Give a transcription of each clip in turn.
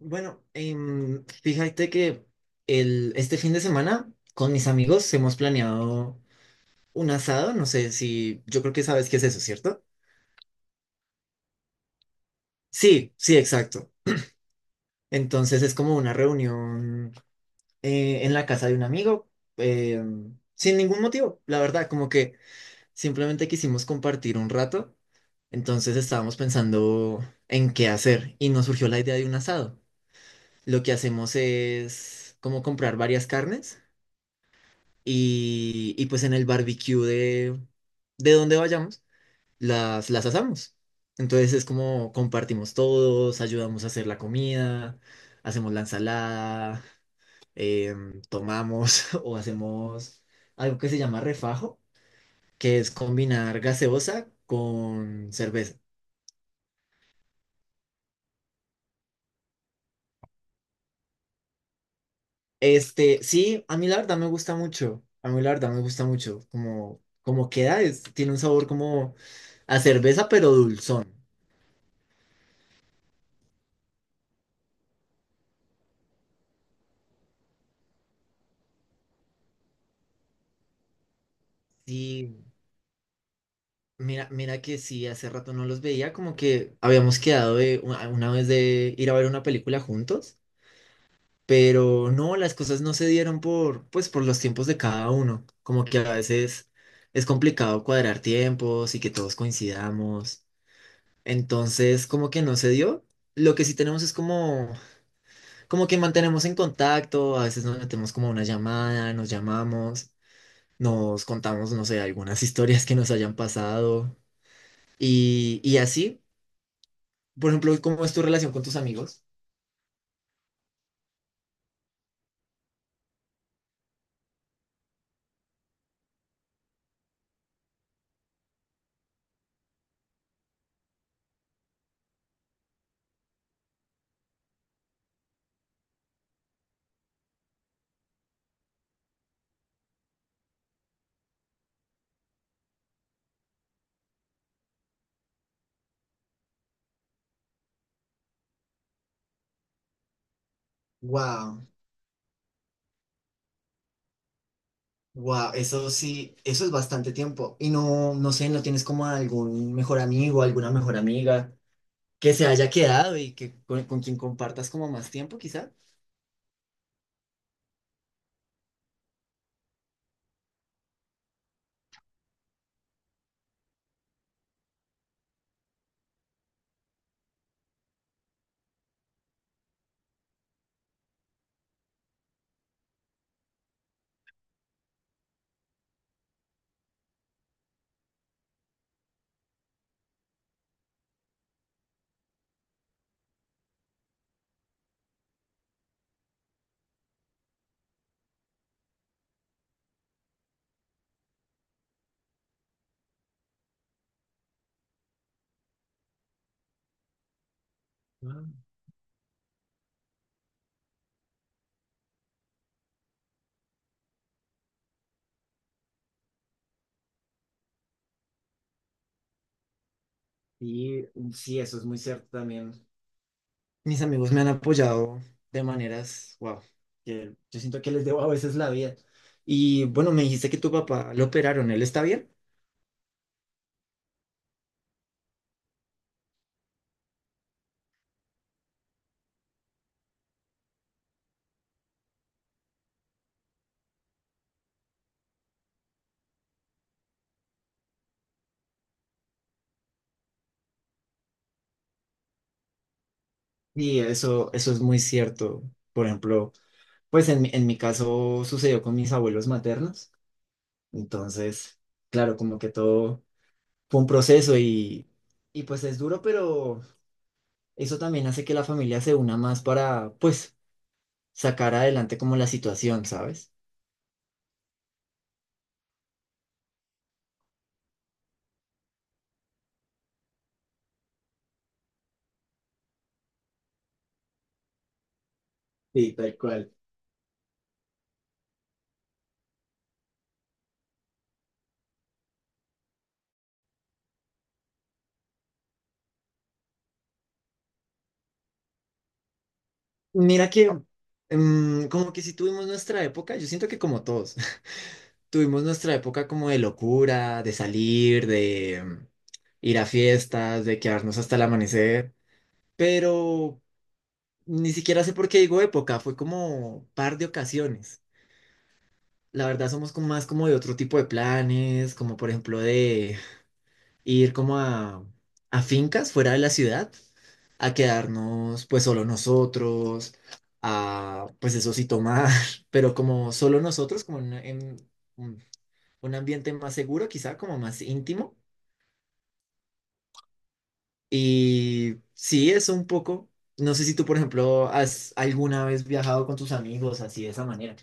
Bueno, fíjate que este fin de semana con mis amigos hemos planeado un asado. No sé si, yo creo que sabes qué es eso, ¿cierto? Sí, sí, exacto. Entonces es como una reunión en la casa de un amigo, sin ningún motivo, la verdad, como que simplemente quisimos compartir un rato. Entonces estábamos pensando en qué hacer y nos surgió la idea de un asado. Lo que hacemos es como comprar varias carnes, y pues en el barbecue de donde vayamos, las asamos. Entonces es como compartimos todos, ayudamos a hacer la comida, hacemos la ensalada, tomamos o hacemos algo que se llama refajo, que es combinar gaseosa con cerveza. Este, sí, a mí la verdad me gusta mucho, a mí la verdad me gusta mucho, como, como queda, es, tiene un sabor como a cerveza pero dulzón. Sí, mira, mira que sí, hace rato no los veía, como que habíamos quedado de una vez de ir a ver una película juntos, pero no, las cosas no se dieron por, pues, por los tiempos de cada uno, como que a veces es complicado cuadrar tiempos y que todos coincidamos. Entonces como que no se dio, lo que sí tenemos es como, como que mantenemos en contacto, a veces nos metemos como una llamada, nos llamamos, nos contamos, no sé, algunas historias que nos hayan pasado. Y así, por ejemplo, ¿cómo es tu relación con tus amigos? Wow, wow, eso sí, eso es bastante tiempo. Y no, no sé, ¿no tienes como algún mejor amigo, alguna mejor amiga que se haya quedado y que con quien compartas como más tiempo, quizá? Ah, sí, sí, eso es muy cierto también. Mis amigos me han, mm, apoyado de maneras, wow, que yo siento que les debo a veces la vida. Y bueno, me dijiste que tu papá lo operaron, ¿él está bien? Sí, eso es muy cierto. Por ejemplo, pues en, en mi caso sucedió con mis abuelos maternos, entonces, claro, como que todo fue un proceso y pues es duro, pero eso también hace que la familia se una más para, pues, sacar adelante como la situación, ¿sabes? Sí, tal cual. Mira que, mm, como que si tuvimos nuestra época, yo siento que como todos, tuvimos nuestra época como de locura, de salir, de, mm, ir a fiestas, de quedarnos hasta el amanecer, pero ni siquiera sé por qué digo época, fue como par de ocasiones. La verdad somos como más como de otro tipo de planes, como por ejemplo de ir como a fincas fuera de la ciudad, a quedarnos pues solo nosotros, a pues eso sí tomar, pero como solo nosotros, como en un un ambiente más seguro, quizá como más íntimo. Y sí, eso un poco. No sé si tú, por ejemplo, has alguna vez viajado con tus amigos así de esa manera.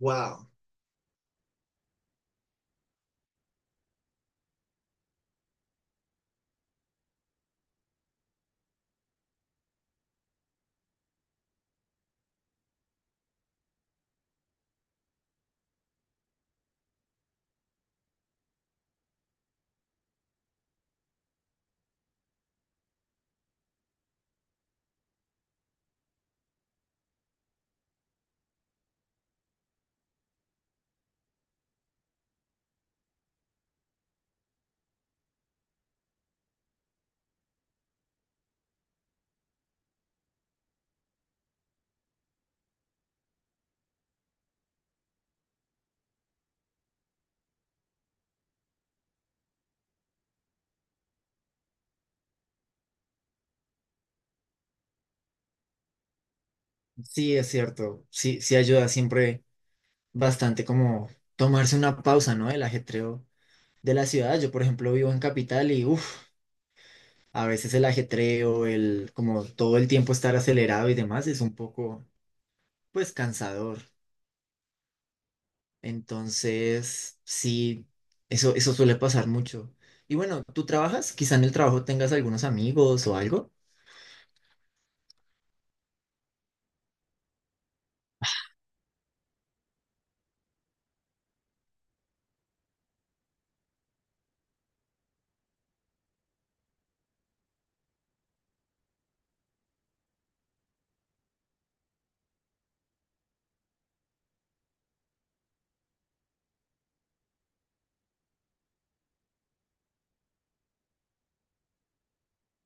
Wow. Sí, es cierto. Sí, sí ayuda siempre bastante como tomarse una pausa, ¿no? El ajetreo de la ciudad. Yo, por ejemplo, vivo en capital y uff, a veces el ajetreo, el como todo el tiempo estar acelerado y demás es un poco, pues, cansador. Entonces, sí, eso suele pasar mucho. Y bueno, ¿tú trabajas? Quizá en el trabajo tengas algunos amigos o algo.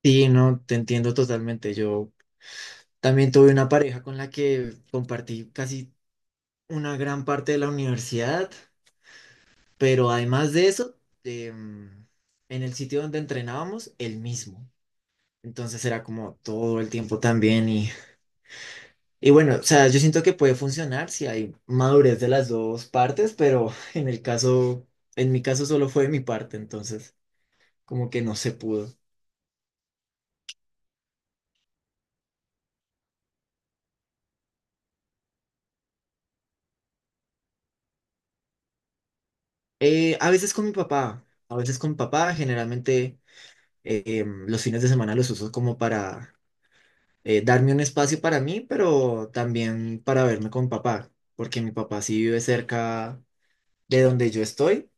Sí, no, te entiendo totalmente. Yo también tuve una pareja con la que compartí casi una gran parte de la universidad, pero además de eso, em, en el sitio donde entrenábamos, el mismo. Entonces era como todo el tiempo también y bueno, o sea, yo siento que puede funcionar si hay madurez de las dos partes, pero en el caso, en mi caso solo fue de mi parte, entonces como que no se pudo. A veces con mi papá, a veces con mi papá, generalmente los fines de semana los uso como para darme un espacio para mí, pero también para verme con papá, porque mi papá sí vive cerca de donde yo estoy,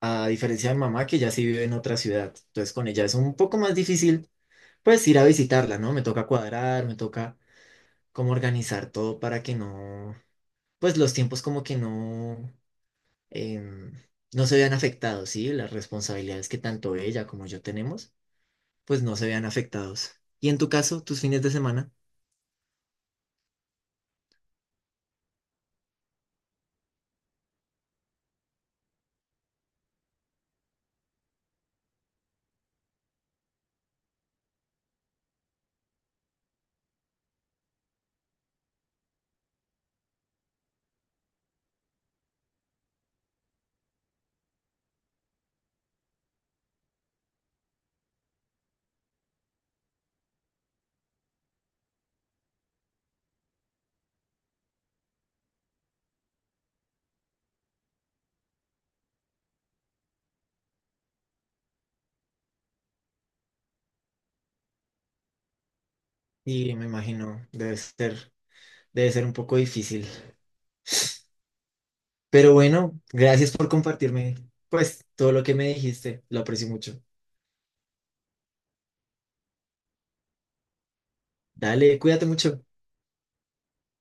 a diferencia de mi mamá que ya sí vive en otra ciudad. Entonces con ella es un poco más difícil pues ir a visitarla, ¿no? Me toca cuadrar, me toca como organizar todo para que no, pues los tiempos como que no, em, no se vean afectados, ¿sí? Las responsabilidades que tanto ella como yo tenemos, pues no se vean afectados. Y en tu caso, tus fines de semana, y me imagino, debe ser, debe ser un poco difícil. Pero bueno, gracias por compartirme, pues, todo lo que me dijiste. Lo aprecio mucho. Dale, cuídate mucho.